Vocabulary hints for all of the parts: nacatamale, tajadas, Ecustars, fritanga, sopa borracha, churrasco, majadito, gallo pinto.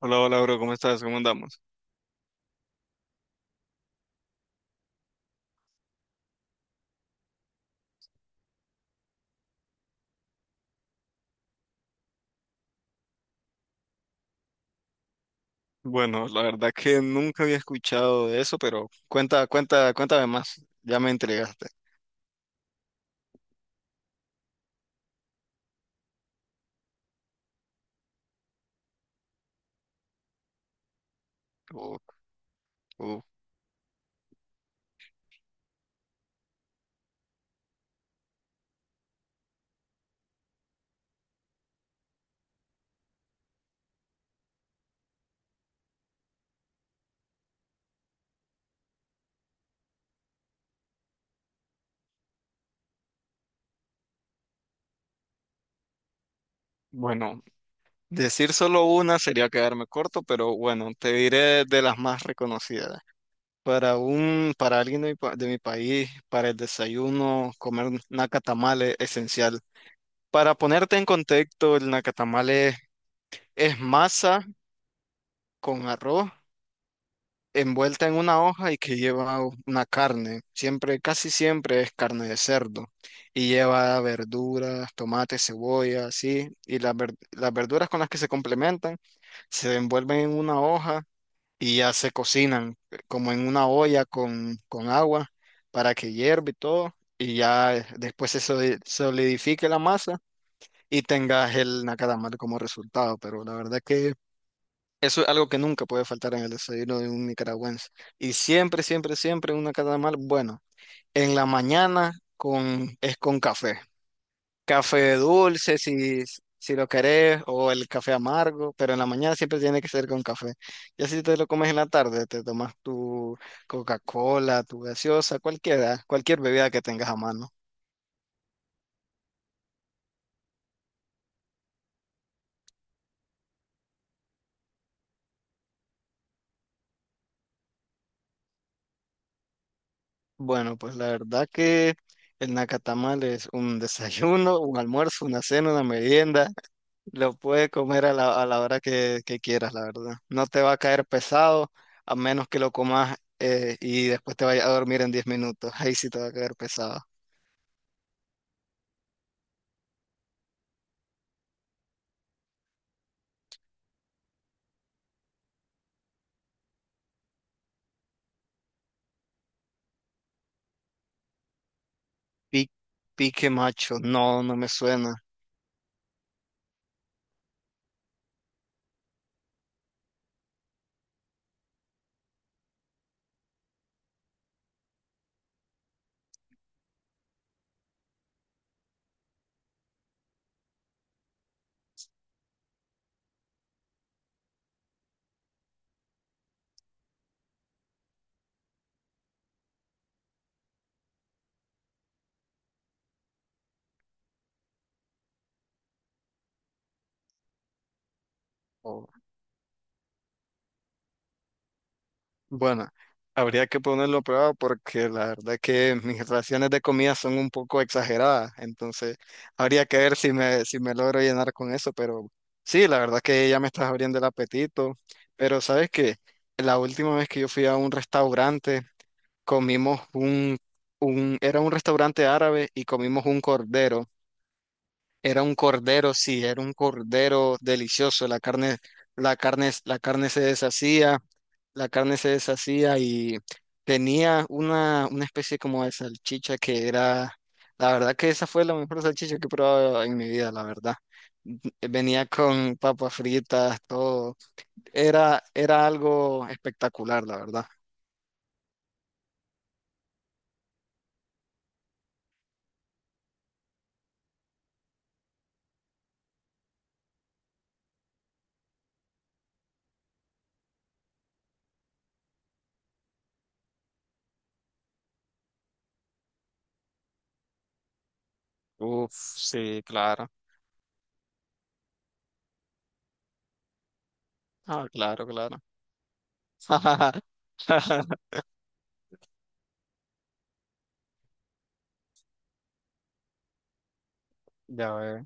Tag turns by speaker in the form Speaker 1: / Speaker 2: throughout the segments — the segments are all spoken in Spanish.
Speaker 1: Hola, hola, bro, ¿cómo estás? ¿Cómo andamos? Bueno, la verdad que nunca había escuchado de eso, pero cuenta, cuéntame más. Ya me entregaste. Bueno, decir solo una sería quedarme corto, pero bueno, te diré de las más reconocidas. Para alguien de de mi país, para el desayuno, comer nacatamale es esencial. Para ponerte en contexto, el nacatamale es masa con arroz envuelta en una hoja y que lleva una carne. Siempre, casi siempre es carne de cerdo. Y lleva verduras, tomates, cebolla, así. Y las verduras con las que se complementan se envuelven en una hoja y ya se cocinan como en una olla con agua para que hierva y todo. Y ya después se solidifique la masa y tengas el nacadamal como resultado. Pero la verdad que eso es algo que nunca puede faltar en el desayuno de un nicaragüense. Y siempre, siempre, siempre una mal, bueno, en la mañana es con café. Café dulce si, si lo querés o el café amargo, pero en la mañana siempre tiene que ser con café. Ya si te lo comes en la tarde, te tomas tu Coca-Cola, tu gaseosa, cualquiera, cualquier bebida que tengas a mano. Bueno, pues la verdad que el nacatamal es un desayuno, un almuerzo, una cena, una merienda. Lo puede comer a a la hora que quieras, la verdad. No te va a caer pesado a menos que lo comas y después te vayas a dormir en 10 minutos. Ahí sí te va a caer pesado. Pi- pique macho, no, no me suena. O- bueno, habría que ponerlo a prueba porque la verdad que mis raciones de comida son un poco exageradas. Entonces, habría que ver si si me logro llenar con eso. Pero sí, la verdad que ya me estás abriendo el apetito. Pero ¿sabes que la última vez que yo fui a un restaurante, comimos era un restaurante árabe y comimos un cordero. Era un cordero, sí, era un cordero delicioso. La carne se deshacía, la carne se deshacía y tenía una especie como de salchicha que era, la verdad que esa fue la mejor salchicha que he probado en mi vida, la verdad. Venía con papas fritas, todo. Era algo espectacular, la verdad. Uf, sí, claro. Ah, claro, claro. Ya ver.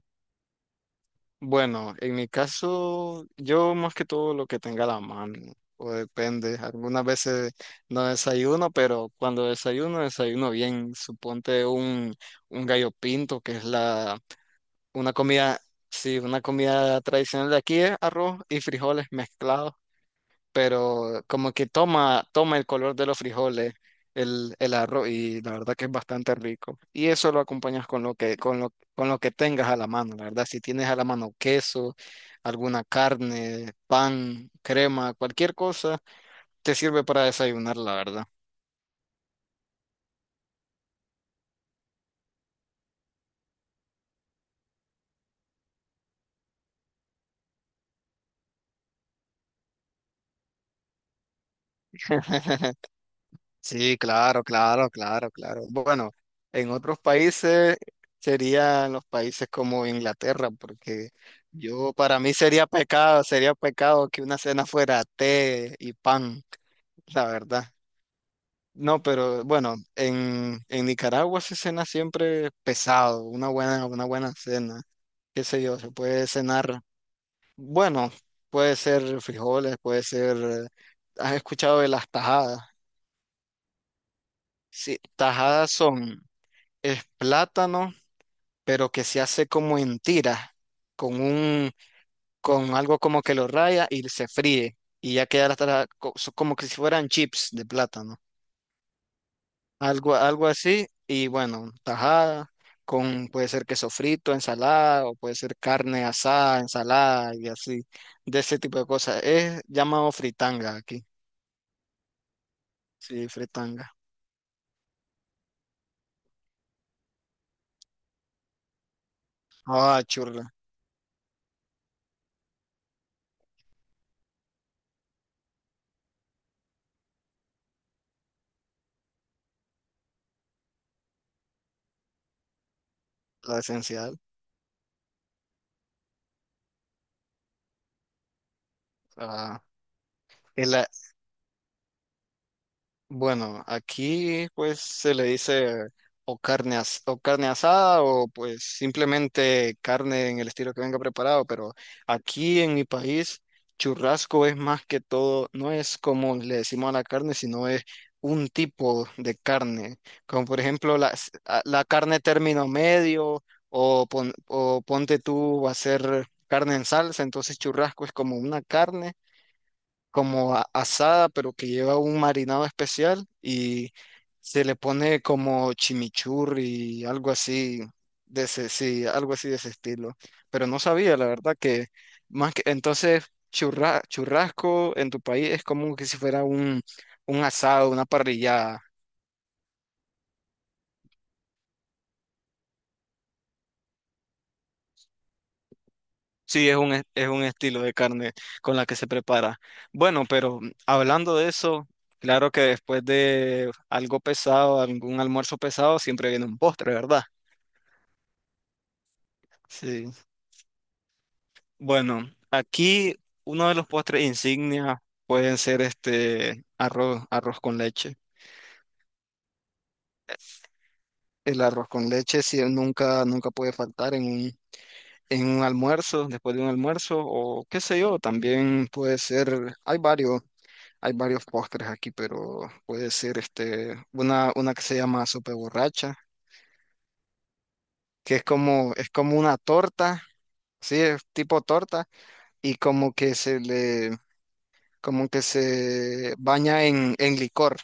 Speaker 1: Bueno, en mi caso, yo más que todo lo que tenga a la mano, o depende. Algunas veces no desayuno, pero cuando desayuno, desayuno bien. Suponte un gallo pinto, que es una comida, sí, una comida tradicional de aquí es arroz y frijoles mezclados, pero como que toma el color de los frijoles, el arroz, y la verdad que es bastante rico. Y eso lo acompañas con lo con lo que tengas a la mano, la verdad. Si tienes a la mano queso, alguna carne, pan, crema, cualquier cosa, te sirve para desayunar, la verdad. Sí, claro, claro, claro, claro. Bueno, en otros países serían los países como Inglaterra, porque yo para mí sería pecado que una cena fuera té y pan, la verdad. No, pero bueno, en Nicaragua se cena siempre pesado, una buena cena, qué sé yo, se puede cenar, bueno, puede ser frijoles, puede ser, ¿has escuchado de las tajadas? Sí, tajadas son es plátano, pero que se hace como en tiras, con con algo como que lo raya y se fríe. Y ya queda hasta como que si fueran chips de plátano. Algo, algo así. Y bueno, tajada, con puede ser queso frito, ensalada, o puede ser carne asada, ensalada y así, de ese tipo de cosas. Es llamado fritanga aquí. Sí, fritanga. Ah, churla, la esencial. Ah, el bueno, aquí pues se le dice o carne asada o pues simplemente carne en el estilo que venga preparado, pero aquí en mi país churrasco es más que todo, no es como le decimos a la carne, sino es un tipo de carne, como por ejemplo la carne término medio o, pon- o ponte tú va a ser carne en salsa, entonces churrasco es como una carne como asada, pero que lleva un marinado especial y se le pone como chimichurri, algo así de ese, sí, algo así de ese estilo. Pero no sabía, la verdad, que más que entonces churrasco en tu país es como que si fuera un asado, una parrillada. Sí, es un, es un estilo de carne con la que se prepara. Bueno, pero hablando de eso, claro que después de algo pesado, algún almuerzo pesado, siempre viene un postre, ¿verdad? Sí. Bueno, aquí uno de los postres insignia pueden ser este arroz con leche. El arroz con leche sí, nunca, nunca puede faltar en en un almuerzo, después de un almuerzo, o qué sé yo, también puede ser, hay varios postres aquí, pero puede ser este, una que se llama sopa borracha, que es como una torta, sí, es tipo torta, y como que se baña en licor.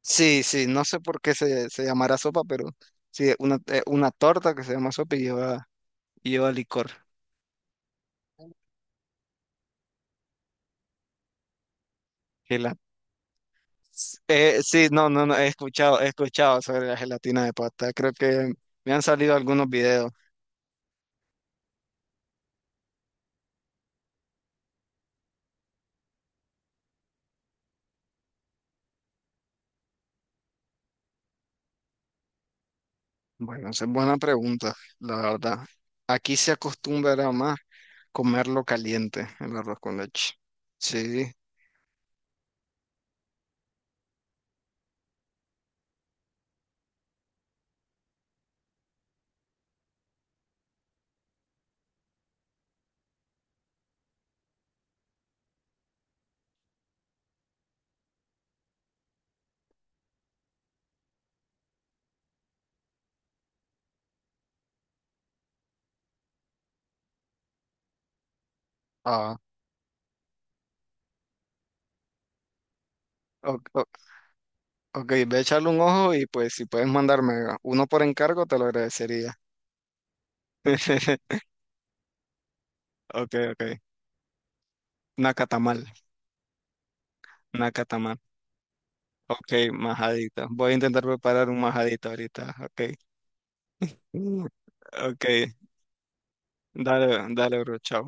Speaker 1: Sí, sí, no sé por qué se llamará sopa, pero sí, una torta que se llama sopa y y lleva licor. Gela- sí, no, he escuchado sobre la gelatina de pasta. Creo que me han salido algunos videos. Bueno, esa es buena pregunta, la verdad. Aquí se acostumbra más comerlo caliente, el arroz con leche. Sí. Ah, ok, ok. Ok, ve a echarle un ojo y pues si puedes mandarme uno por encargo, te lo agradecería. Ok, ok. Nacatamal, nacatamal. Ok, majadito. Voy a intentar preparar un majadito ahorita. Ok. Mm. Ok, dale, dale, bro, chao.